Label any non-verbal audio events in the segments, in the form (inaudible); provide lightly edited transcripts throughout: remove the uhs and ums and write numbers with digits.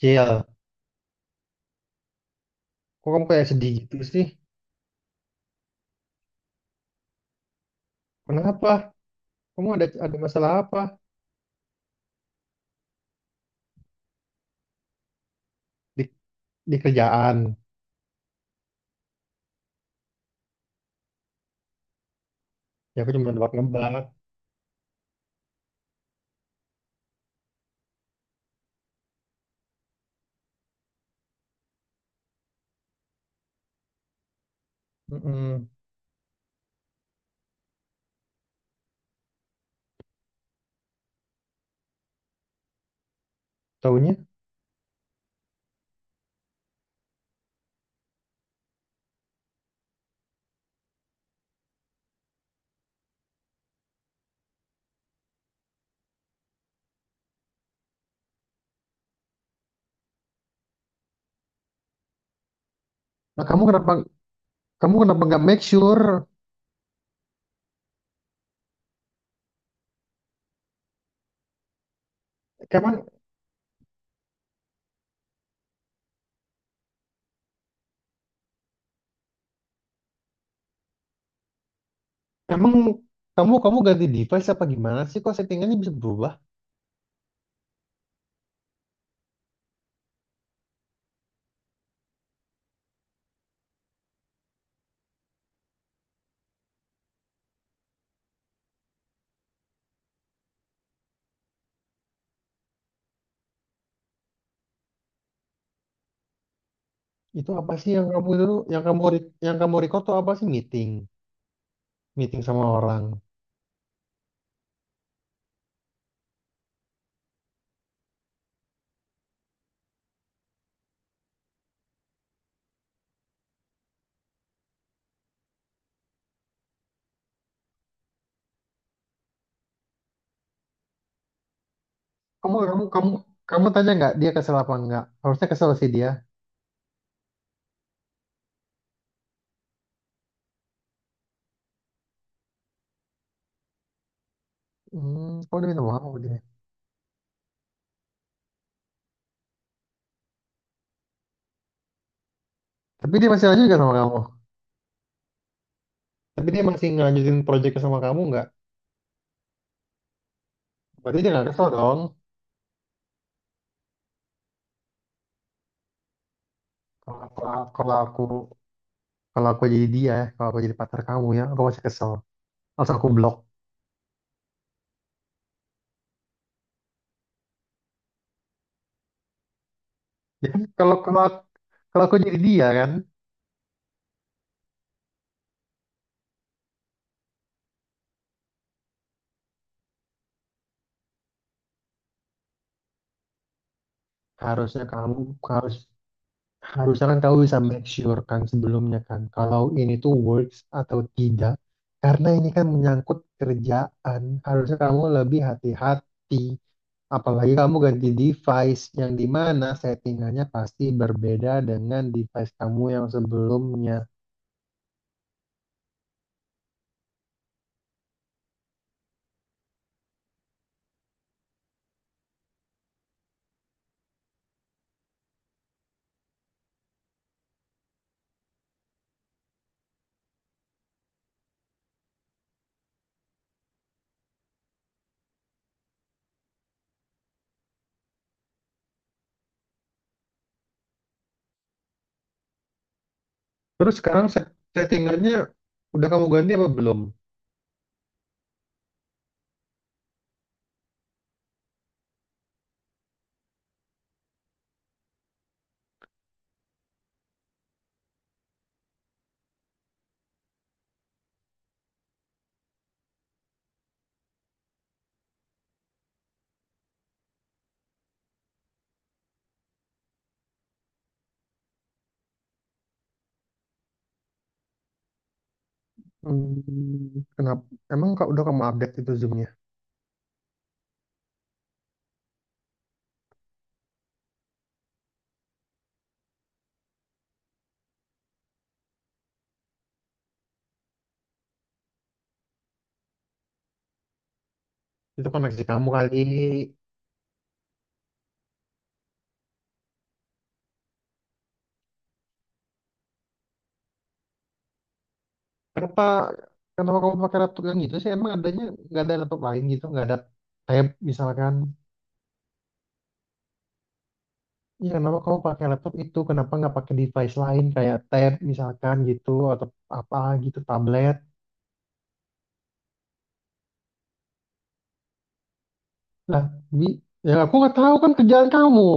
Cil, kok kamu kayak sedih gitu sih? Kenapa? Kamu ada masalah apa di, di kerjaan? Ya aku cuma nebak-nebak. Mm-mm. Taunya? Nah, kamu kenapa nggak make sure? Emang, emang kamu kamu ganti device apa gimana sih? Kok settingannya bisa berubah? Itu apa sih yang kamu itu yang yang kamu record tuh apa sih meeting? Meeting sama orang. Kamu kamu tanya nggak dia kesel apa nggak? Harusnya kesel sih dia. Hmm, kamu udah minta maaf sama dia. Tapi dia masih lanjut nggak sama kamu? Tapi dia masih ngelanjutin proyeknya sama kamu nggak? Berarti dia nggak kesel dong. Kalau aku, kalau aku kalau aku jadi dia, ya, kalau aku jadi partner kamu ya, aku masih kesel. Langsung aku blok. Ya kan? Kalau kalau aku jadi dia kan, harusnya kamu harus harusnya kan kamu bisa make sure kan sebelumnya kan kalau ini tuh works atau tidak. Karena ini kan menyangkut kerjaan, harusnya kamu lebih hati-hati. Apalagi kamu ganti device yang di mana settingannya pasti berbeda dengan device kamu yang sebelumnya. Terus sekarang settingannya udah kamu ganti apa belum? Hmm, kenapa? Emang kau udah kamu update itu zoomnya? Itu koneksi kamu kali. Kenapa? Kenapa kamu pakai laptop yang itu sih? Emang adanya nggak ada laptop lain gitu? Nggak ada tab misalkan? Iya, kenapa kamu pakai laptop itu? Kenapa nggak pakai device lain kayak tab misalkan gitu atau apa gitu, tablet? Lah, Bi, yang aku nggak tahu kan kerjaan kamu.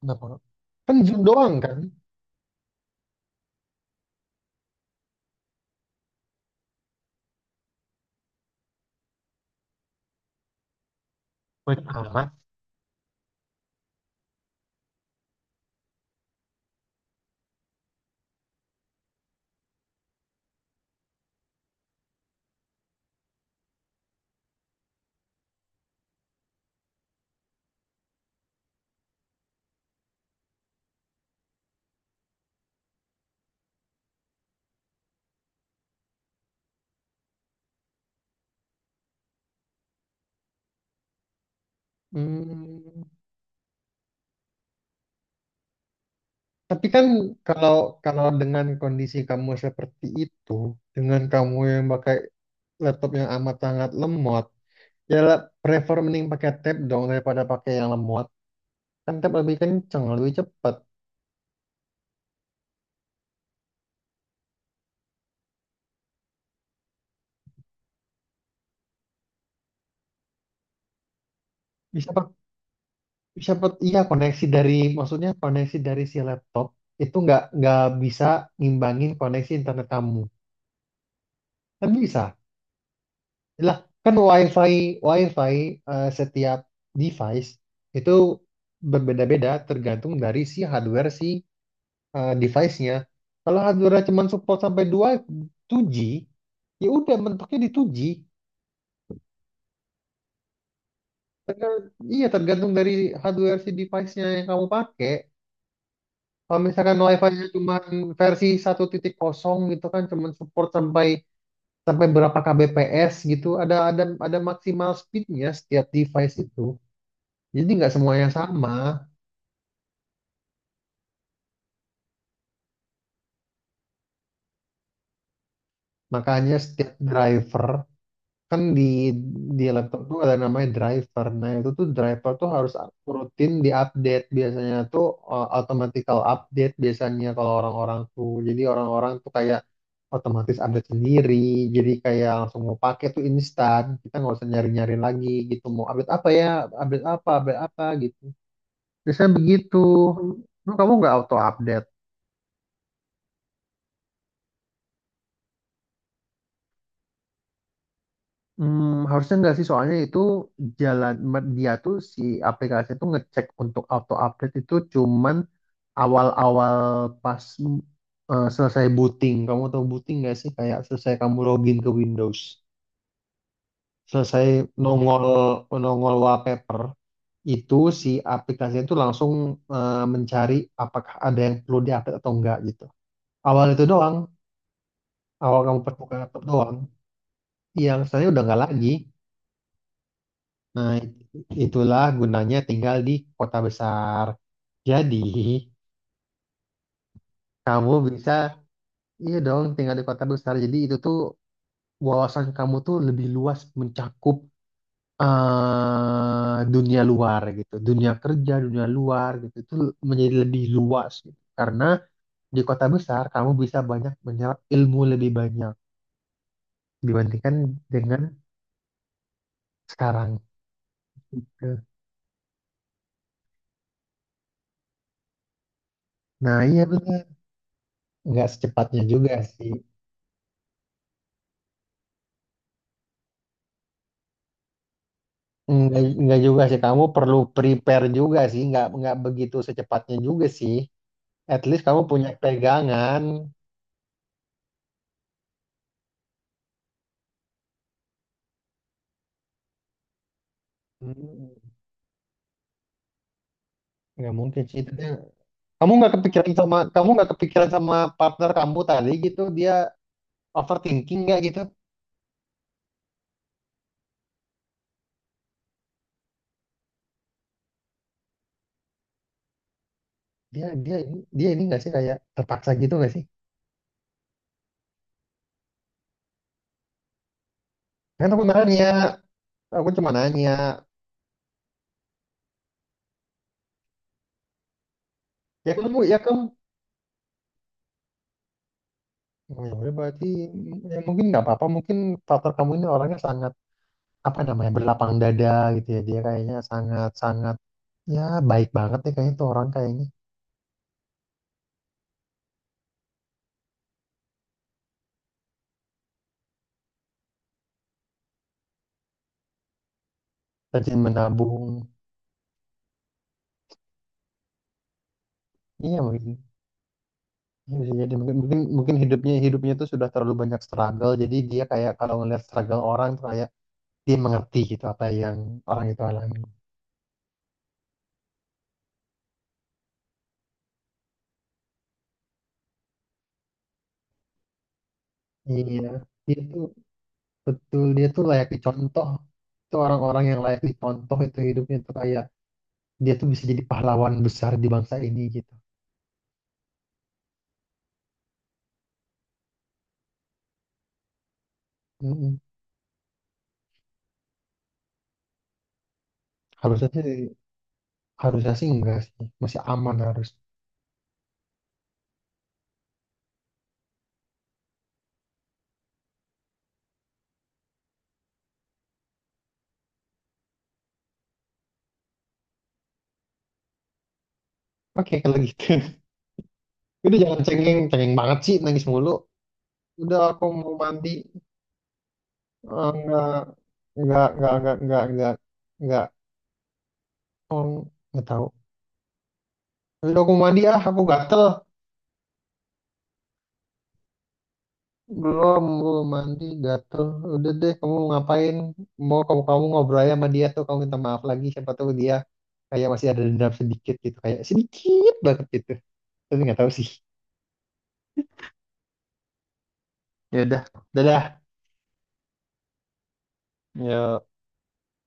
Kenapa? Kan gym doang kan? Banyak amat. Hmm, tapi kan kalau kalau dengan kondisi kamu seperti itu, dengan kamu yang pakai laptop yang amat sangat lemot, ya lah, prefer mending pakai tab dong daripada pakai yang lemot. Kan tab lebih kenceng, lebih cepat. Bisa pak, iya koneksi dari maksudnya koneksi dari si laptop itu nggak bisa ngimbangin koneksi internet kamu. Kan bisa. Lah, kan WiFi WiFi setiap device itu berbeda-beda tergantung dari si hardware si device-nya. Kalau hardware cuma support sampai 2G, ya udah mentoknya di 2G. Tergan- iya tergantung dari hardware si device-nya yang kamu pakai. Kalau misalkan WiFi-nya cuma versi 1.0 gitu kan cuma support sampai sampai berapa kbps gitu, ada maksimal speed-nya setiap device itu. Jadi nggak semuanya sama. Makanya setiap kan di laptop tuh ada namanya driver. Nah, itu tuh driver tuh harus rutin diupdate. Biasanya tuh automatical update biasanya kalau orang-orang tuh. Jadi orang-orang tuh kayak otomatis update sendiri. Jadi kayak langsung mau pakai tuh instan. Kita nggak usah nyari-nyari lagi gitu. Mau update apa ya? Update apa? Update apa gitu. Biasanya begitu. Lu kamu nggak auto update? Hmm, harusnya enggak sih, soalnya itu dia tuh si aplikasi tuh ngecek untuk auto update itu cuman awal-awal pas selesai booting. Kamu tahu booting nggak sih? Kayak selesai kamu login ke Windows, selesai nongol nongol wallpaper itu si aplikasi itu langsung mencari apakah ada yang perlu diupdate atau enggak gitu. Awal itu doang, awal kamu buka laptop doang, yang selanjutnya udah nggak lagi. Nah, itulah gunanya tinggal di kota besar. Jadi, kamu bisa, iya dong, tinggal di kota besar. Jadi, itu tuh wawasan kamu tuh lebih luas mencakup eh dunia luar gitu. Dunia kerja, dunia luar gitu. Itu menjadi lebih luas gitu. Karena di kota besar kamu bisa banyak menyerap ilmu lebih banyak dibandingkan dengan sekarang. Gitu. Nah, iya benar. Nggak secepatnya juga sih. Enggak juga sih, kamu perlu prepare juga sih, enggak begitu secepatnya juga sih. At least kamu punya pegangan. Hmm, enggak mungkin sih itu. Dia. Kamu nggak kepikiran sama partner kamu tadi gitu, dia overthinking nggak gitu? Dia dia ini nggak sih kayak terpaksa gitu nggak sih? Kan aku nanya, aku cuma nanya. Ya kamu oh, ya udah berarti ya mungkin nggak apa-apa mungkin partner kamu ini orangnya sangat apa namanya berlapang dada gitu ya dia kayaknya sangat sangat ya, baik banget deh kayaknya tuh orang kayaknya rajin menabung. Iya mungkin. Iya sih, jadi mungkin mungkin mungkin hidupnya hidupnya tuh sudah terlalu banyak struggle. Jadi dia kayak kalau ngeliat struggle orang tuh kayak dia mengerti gitu apa yang orang itu alami. Iya, dia tuh betul dia tuh layak dicontoh. Itu orang-orang yang layak dicontoh itu hidupnya tuh kayak dia tuh bisa jadi pahlawan besar di bangsa ini gitu. Mm-mm. Harusnya sih harusnya sih enggak sih. Masih aman harus. Oke, kalau gitu. (laughs) Udah jangan cengeng, cengeng banget sih nangis mulu. Udah aku mau mandi. Eh, nggak nggak nggak nggak nggak nggak nggak oh, nggak tahu. Udah aku mandi ah aku gatel. Belum belum mandi gatel. Udah deh kamu ngapain mau kamu kamu ngobrol aja sama dia tuh kamu minta maaf lagi siapa tahu dia kayak masih ada dendam sedikit gitu kayak sedikit banget gitu tapi nggak tahu sih. Ya udah, dadah. Yuk.